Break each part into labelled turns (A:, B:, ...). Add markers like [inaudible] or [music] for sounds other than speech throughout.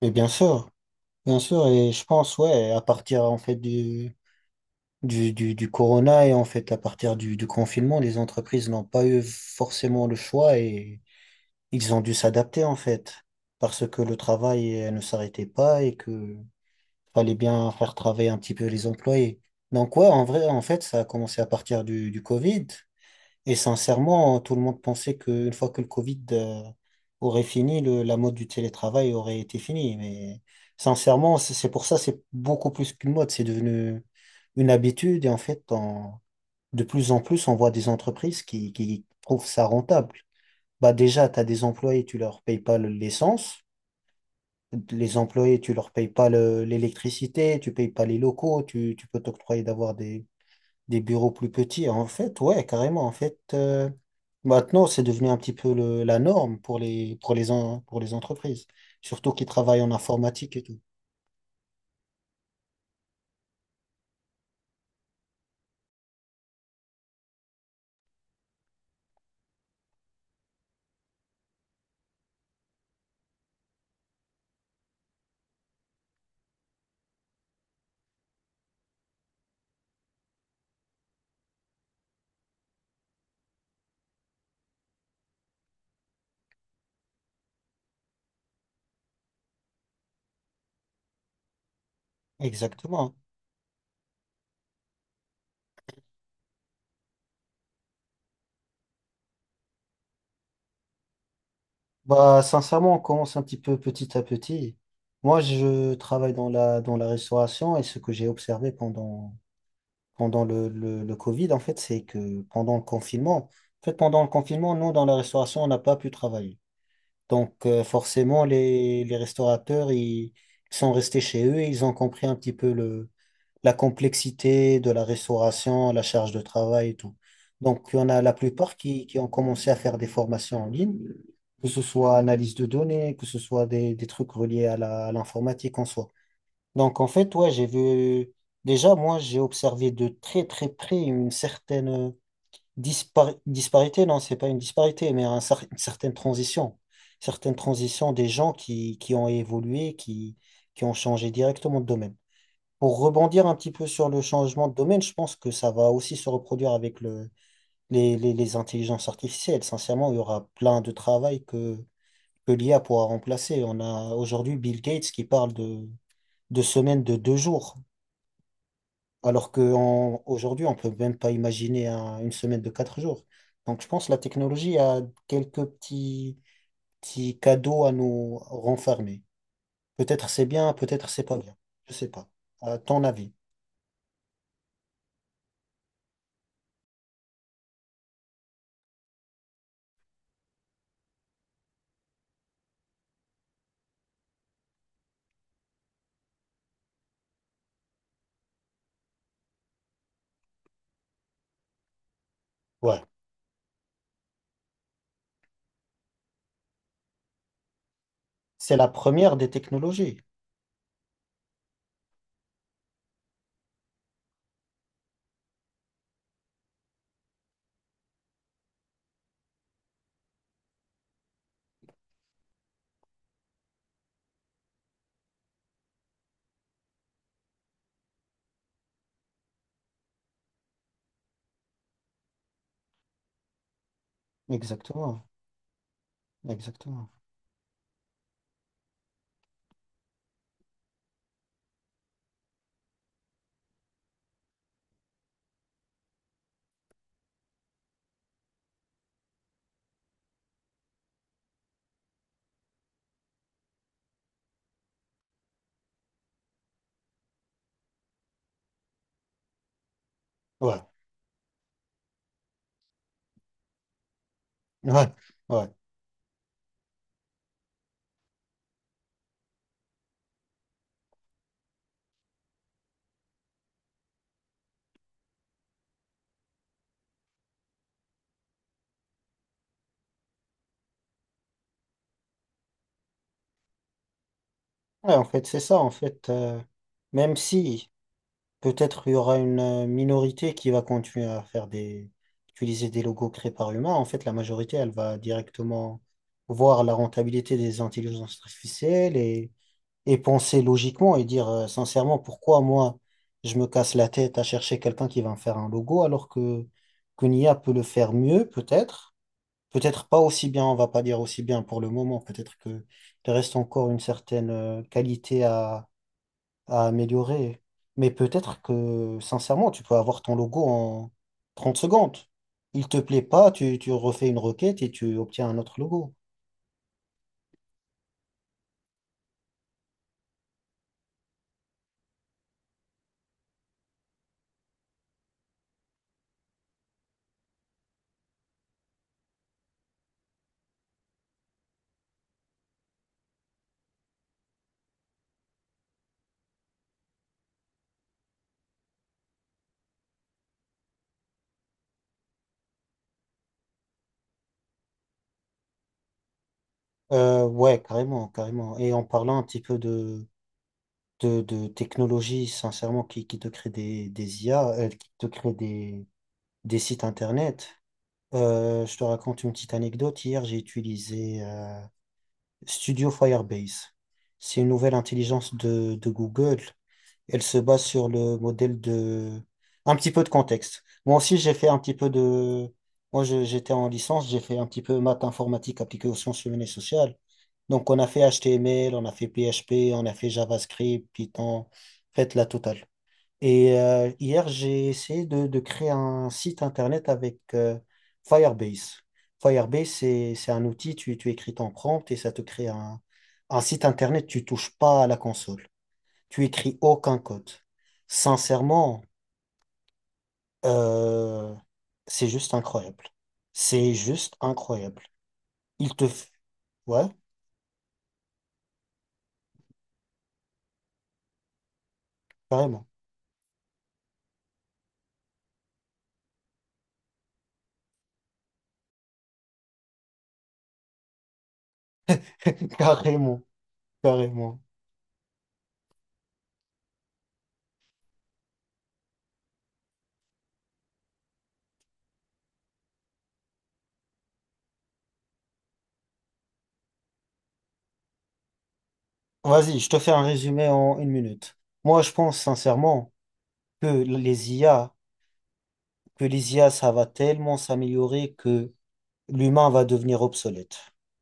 A: Bien sûr, et je pense, ouais, à partir en fait du corona et en fait à partir du confinement, les entreprises n'ont pas eu forcément le choix et ils ont dû s'adapter en fait, parce que le travail ne s'arrêtait pas et que fallait bien faire travailler un petit peu les employés. Donc ouais, en vrai, en fait, ça a commencé à partir du Covid et sincèrement, tout le monde pensait qu'une fois que le Covid aurait fini, la mode du télétravail aurait été finie. Mais sincèrement, c'est pour ça, c'est beaucoup plus qu'une mode. C'est devenu une habitude. Et en fait, de plus en plus, on voit des entreprises qui trouvent ça rentable. Bah déjà, tu as des employés, tu leur payes pas l'essence. Les employés, tu leur payes pas l'électricité, tu payes pas les locaux, tu peux t'octroyer d'avoir des bureaux plus petits. En fait, ouais, carrément. En fait, maintenant, c'est devenu un petit peu la norme pour pour les entreprises, surtout qui travaillent en informatique et tout. Exactement. Bah, sincèrement, on commence un petit peu petit à petit. Moi, je travaille dans la restauration et ce que j'ai observé pendant, pendant le Covid, en fait, c'est que pendant le confinement, en fait, pendant le confinement, nous, dans la restauration, on n'a pas pu travailler. Donc, forcément, les restaurateurs, ils sont restés chez eux et ils ont compris un petit peu la complexité de la restauration, la charge de travail et tout. Donc, il y en a la plupart qui ont commencé à faire des formations en ligne, que ce soit analyse de données, que ce soit des trucs reliés à à l'informatique en soi. Donc, en fait, ouais, j'ai vu, déjà, moi, j'ai observé de très, très près une certaine Dispari- disparité, non, c'est pas une disparité, mais une certaine transition. Certaines transitions des gens qui ont évolué, qui ont changé directement de domaine. Pour rebondir un petit peu sur le changement de domaine, je pense que ça va aussi se reproduire avec les intelligences artificielles. Sincèrement, il y aura plein de travail que l'IA pourra remplacer. On a aujourd'hui Bill Gates qui parle de semaines de 2 jours alors qu'aujourd'hui, on peut même pas imaginer une semaine de 4 jours. Donc, je pense que la technologie a quelques petits, petits cadeaux à nous renfermer. Peut-être c'est bien, peut-être c'est pas bien. Je sais pas. À ton avis? Ouais. C'est la première des technologies. Exactement. Exactement. Ouais. Ouais. Ouais. Ouais, en fait, c'est ça. En fait, même si. Peut-être il y aura une minorité qui va continuer à faire utiliser des logos créés par l'humain. En fait, la majorité, elle va directement voir la rentabilité des intelligences artificielles et penser logiquement et dire sincèrement pourquoi moi je me casse la tête à chercher quelqu'un qui va me faire un logo alors que qu'une IA peut le faire mieux, peut-être. Peut-être pas aussi bien, on va pas dire aussi bien pour le moment. Peut-être que il reste encore une certaine qualité à améliorer. Mais peut-être que, sincèrement, tu peux avoir ton logo en 30 secondes. Il te plaît pas, tu refais une requête et tu obtiens un autre logo. Ouais, carrément, carrément. Et en parlant un petit peu de technologie, sincèrement, qui te crée des IA, qui te crée des sites internet. Je te raconte une petite anecdote. Hier, j'ai utilisé Studio Firebase. C'est une nouvelle intelligence de Google. Elle se base sur le modèle de... Un petit peu de contexte. Moi aussi, j'ai fait un petit peu de... Moi, j'étais en licence, j'ai fait un petit peu maths informatique appliquée aux sciences humaines et sociales. Donc, on a fait HTML, on a fait PHP, on a fait JavaScript, Python, faites la totale. Et hier, j'ai essayé de créer un site internet avec Firebase. Firebase, c'est un outil, tu écris ton prompt et ça te crée un site internet, tu touches pas à la console. Tu écris aucun code. Sincèrement, euh, c'est juste incroyable. C'est juste incroyable. Il te... f- Ouais, carrément. [laughs] Carrément, carrément. Vas-y, je te fais un résumé en une minute. Moi, je pense sincèrement que les IA... que les IA, ça va tellement s'améliorer que l'humain va devenir obsolète,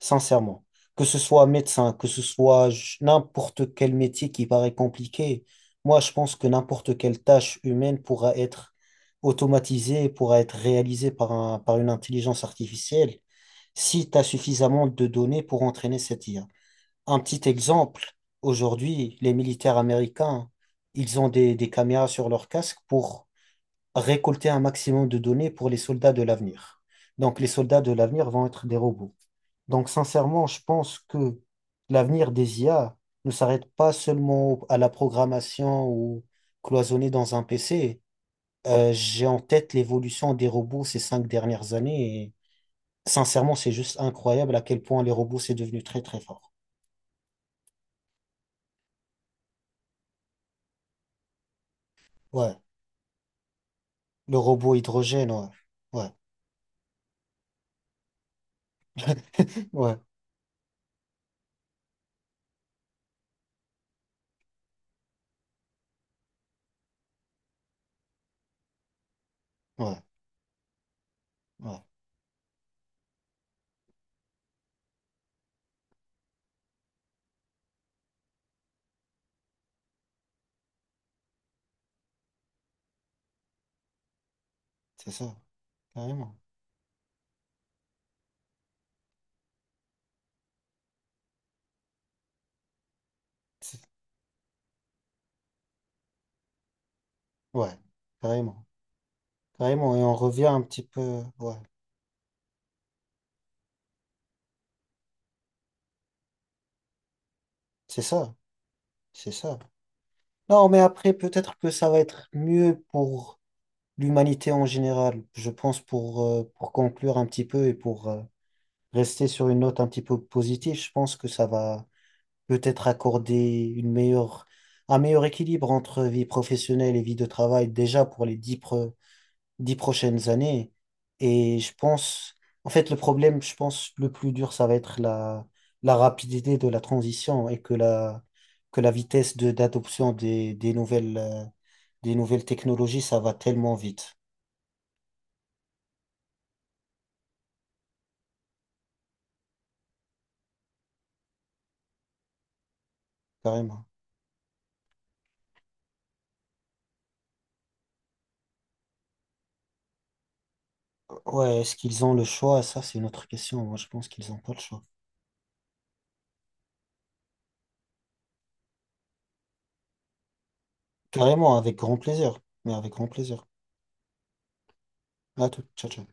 A: sincèrement. Que ce soit médecin, que ce soit n'importe quel métier qui paraît compliqué, moi je pense que n'importe quelle tâche humaine pourra être automatisée, pourra être réalisée par un, par une intelligence artificielle si tu as suffisamment de données pour entraîner cette IA. Un petit exemple, aujourd'hui, les militaires américains, ils ont des caméras sur leur casque pour récolter un maximum de données pour les soldats de l'avenir. Donc, les soldats de l'avenir vont être des robots. Donc, sincèrement, je pense que l'avenir des IA ne s'arrête pas seulement à la programmation ou cloisonné dans un PC. J'ai en tête l'évolution des robots ces 5 dernières années et sincèrement, c'est juste incroyable à quel point les robots, c'est devenu très, très fort. Ouais, le robot hydrogène, ouais. Ouais, ouais, ouais, ouais, c'est ça, carrément. C'est- Ouais, carrément. Carrément, et on revient un petit peu. Ouais, c'est ça, c'est ça. Non, mais après, peut-être que ça va être mieux pour l'humanité en général. Je pense pour conclure un petit peu et pour rester sur une note un petit peu positive, je pense que ça va peut-être accorder une meilleure, un meilleur équilibre entre vie professionnelle et vie de travail, déjà pour 10 prochaines années. Et je pense, en fait, le problème, je pense, le plus dur, ça va être la rapidité de la transition et que que la vitesse de d'adoption des nouvelles technologies, ça va tellement vite, carrément. Ouais, est-ce qu'ils ont le choix? Ça, c'est une autre question. Moi, je pense qu'ils n'ont pas le choix. Carrément, avec grand plaisir. Mais avec grand plaisir. À tout, ciao, ciao.